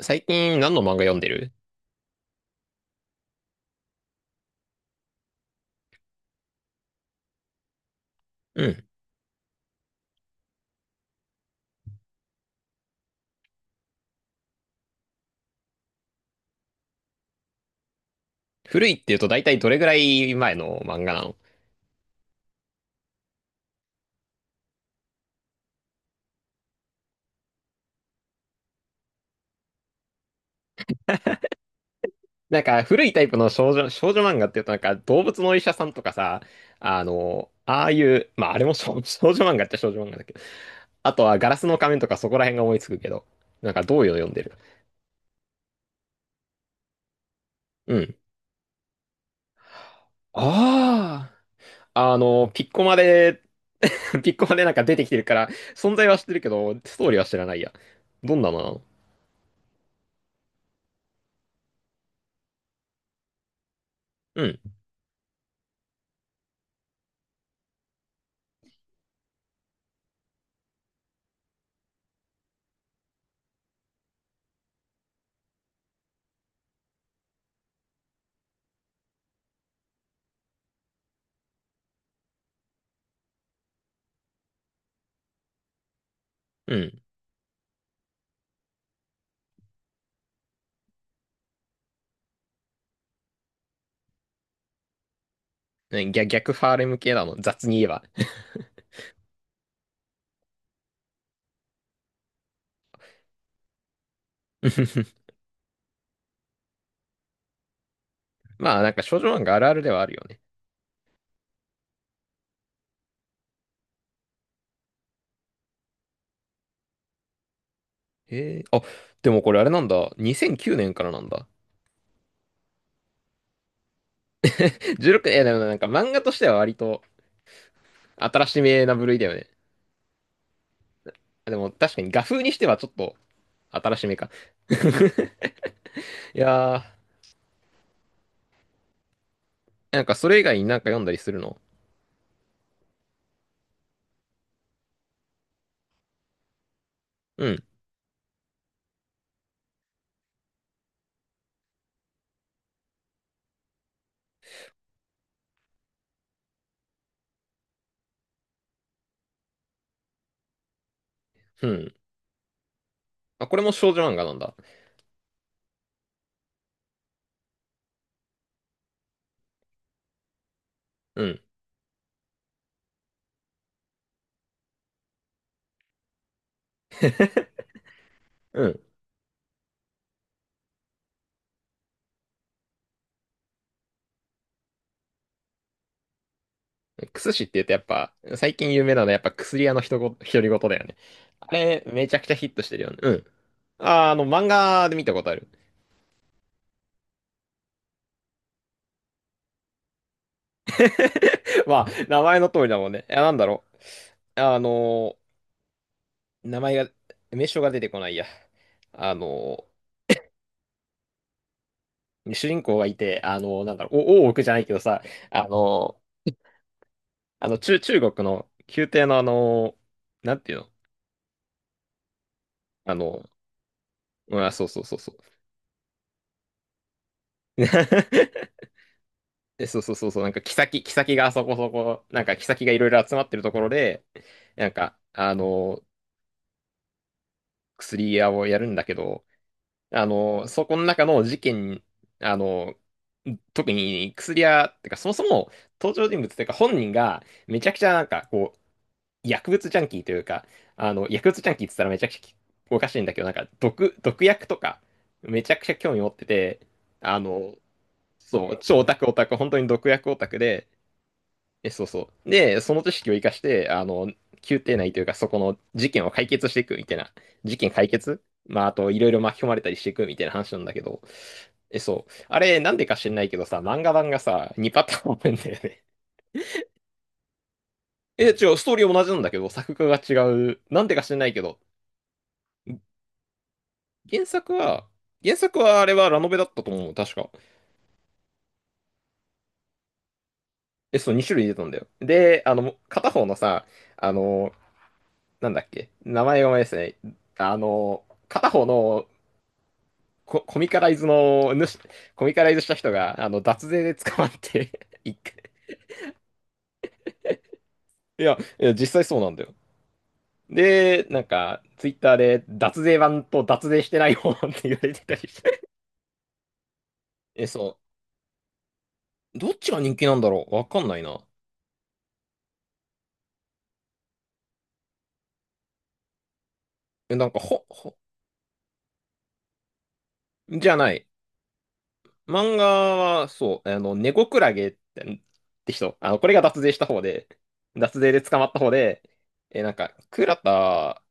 最近何の漫画読んでる？うん。古いって言うと大体どれぐらい前の漫画なの？なんか古いタイプの少女漫画って言うとなんか動物のお医者さんとかさ、ああいう、まああれも少女漫画っちゃ少女漫画だけど、あとはガラスの仮面とかそこら辺が思いつくけど、なんかどういうの読んでる？うん。ああ、ピッコマで、ピッコマでなんか出てきてるから、存在は知ってるけど、ストーリーは知らないや。どんなのなの？うん。うん。ね、逆ファーレム系だもん、雑に言えば。まあ、なんか少女漫画あるあるではあるよね。へえ、あ、でもこれあれなんだ。2009年からなんだ。16、でもなんか漫画としては割と新しめな部類だよね。でも確かに画風にしてはちょっと新しめか。いやー、なんかそれ以外になんか読んだりするの？うん、うん。あ、これも少女漫画なんだ。うん、うん。クスシって言うとやっぱ、最近有名なのはやっぱ薬屋の独り言だよね。あれ、めちゃくちゃヒットしてるよね。うん。あー、漫画で見たことある。まあ、名前の通りだもんね。いや、なんだろう。ー、名前が、名称が出てこないや。あの主人公がいて、なんだろう、大奥じゃないけどさ、あのー、中国の宮廷のなんていうの？あのうん、あ、そうそうそうそう。で、そうそうそうそう、なんか、妃がそこそこ、なんか、妃がいろいろ集まってるところで、なんか、薬屋をやるんだけど、そこの中の事件、あの、特に薬屋、てかそもそも登場人物っていうか本人がめちゃくちゃなんかこう、薬物ジャンキーというか、薬物ジャンキーって言ったらめちゃくちゃおかしいんだけど、なんか毒薬とかめちゃくちゃ興味持ってて、あの、そう、超オタクオタク、本当に毒薬オタクで、え、そうそう。で、その知識を生かして、宮廷内というか、そこの事件を解決していくみたいな。事件解決、まあ、あと、いろいろ巻き込まれたりしていくみたいな話なんだけど。え、そう。あれ、なんでか知んないけどさ、漫画版がさ、2パターンあるんだよね。え、違う、ストーリー同じなんだけど、作画が違う。なんでか知んないけど、原作は、原作はあれはラノベだったと思う、確か。え、そう、2種類出たんだよ。で、片方のさ、あの、なんだっけ、名前が思い出せない。片方のコミカライズのコミカライズした人が、脱税で捕まって 一回、いや、いや、実際そうなんだよ。で、なんか、ツイッターで、脱税版と脱税してない方って言われてたりして。え、そう。どっちが人気なんだろう、わかんないな。え、なんか、じゃない。漫画は、そう、ネゴクラゲって人。これが脱税した方で、脱税で捕まった方で、え、なんか、倉田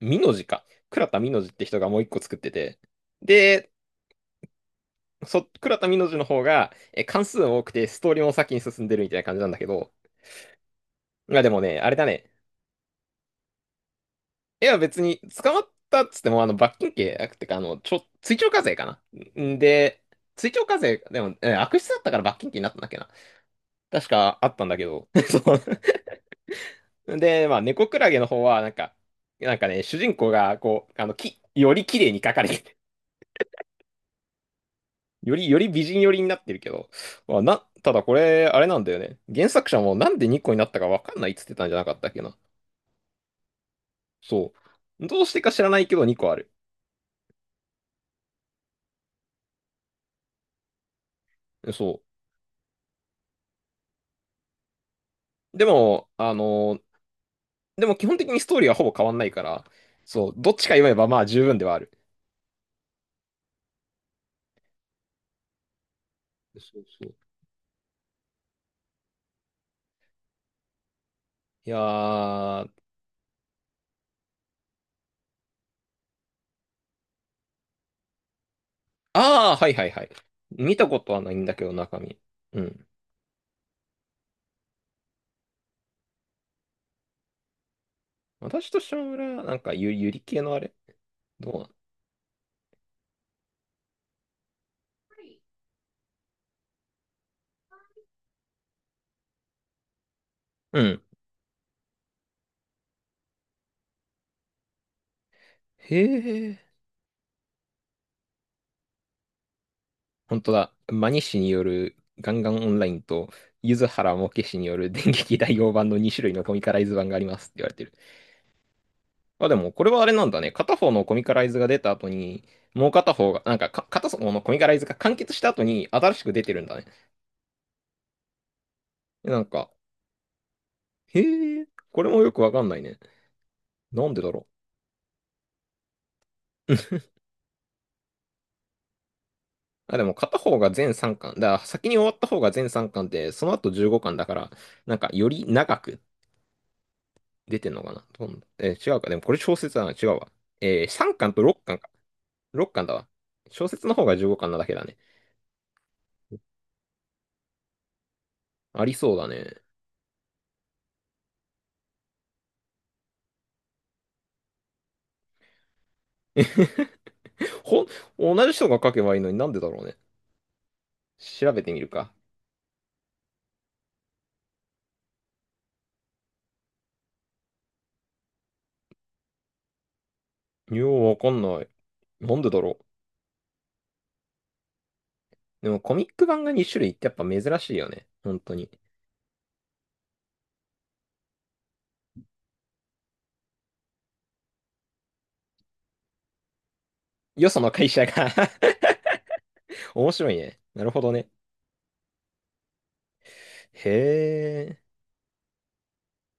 ミノジか。倉田ミノジって人がもう一個作ってて。で、倉田美濃路の方が、え、関数多くて、ストーリーも先に進んでるみたいな感じなんだけど、まあでもね、あれだね。絵は別に、捕まったっつっても、罰金刑、ってか、追徴課税かな。んで、追徴課税、でも、悪質だったから罰金刑になったんだっけな。確かあったんだけど。そう。で、まあ、猫クラゲの方は、なんか、なんかね、主人公が、こう、より綺麗に描かれて、より美人寄りになってるけど、まあ、ただこれ、あれなんだよね。原作者もなんで2個になったかわかんないっつってたんじゃなかったっけな。そう。どうしてか知らないけど2個ある。そう。でも、でも基本的にストーリーはほぼ変わんないから、そう、どっちか読めばまあ十分ではある。そうそう。いやー、ああ、はいはいはい。見たことはないんだけど、中身。うん。私と島村、なんかゆり系のあれ、どうなの？うん。へえ。本当だ。マニ氏によるガンガンオンラインと、柚子原モケ氏による 電撃大王版の2種類のコミカライズ版がありますって言われてる。まあ、でもこれはあれなんだね。片方のコミカライズが出た後に、もう片方が、なんかか片方のコミカライズが完結した後に新しく出てるんだね。なんか、へえ、これもよくわかんないね。なんでだろう。あ、でも片方が全3巻。だから先に終わった方が全3巻で、その後15巻だから、なんかより長く出てんのかな、どんえー違うか。でもこれ小説だな。違うわ。3巻と6巻かんか。6巻だわ。小説の方が15巻なだけだね。ありそうだね。ほん、同じ人が書けばいいのになんでだろうね。調べてみるか。ようわかんない。なんでだろう。でもコミック版が2種類ってやっぱ珍しいよね。本当に。よその会社が 面白いね。なるほどね。へ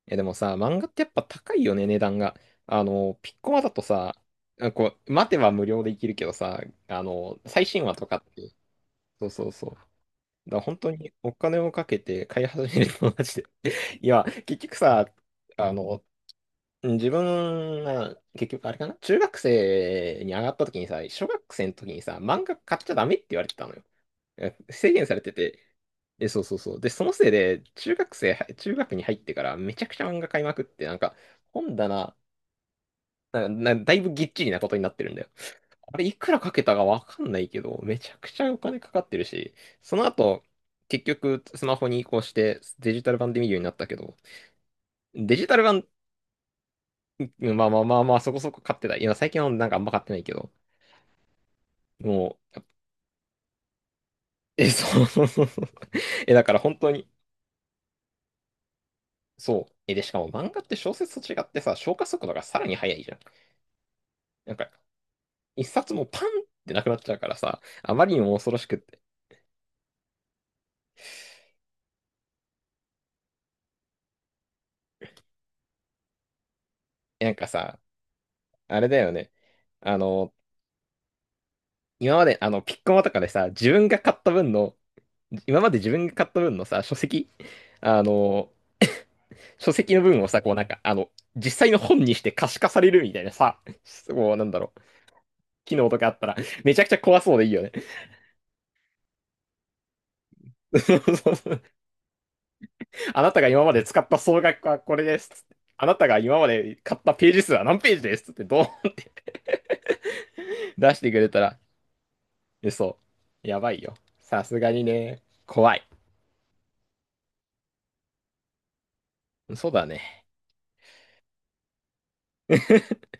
え、でもさ、漫画ってやっぱ高いよね、値段が。ピッコマだとさ、あ、こう、待てば無料でいけるけどさ、最新話とかって、そうそうそう。だから本当にお金をかけて買い始めるのマジで。いや、結局さ、あの、自分が、結局あれかな、中学生に上がった時にさ、小学生の時にさ、漫画買っちゃダメって言われてたのよ。制限されてて、え、そうそうそう。で、そのせいで、中学に入ってからめちゃくちゃ漫画買いまくって、なんか、本棚、だいぶぎっちりなことになってるんだよ。あれ、いくらかけたかわかんないけど、めちゃくちゃお金かかってるし、その後、結局、スマホに移行して、デジタル版で見るようになったけど、デジタル版、まあまあまあまあ、そこそこ買ってた。今、最近はなんかあんま買ってないけど、もう、え、そうそうそうそう。え、だから本当に、そう。え、で、しかも漫画って小説と違ってさ、消化速度がさらに速いじゃん。なんか、一冊もパンってなくなっちゃうからさ、あまりにも恐ろしくって。なんかさ、あれだよね。あの、今まで、ピッコマとかでさ、自分が買った分の、今まで自分が買った分のさ、書籍、あの、書籍の分をさ、こうなんか、実際の本にして可視化されるみたいなさ、もうなんだろう、機能とかあったら、めちゃくちゃ怖そうでいいよね。あなたが今まで使った総額はこれです。あなたが今まで買ったページ数は何ページですってどう？ 出してくれたら、え、そう。やばいよ。さすがにね。怖い。そうだね。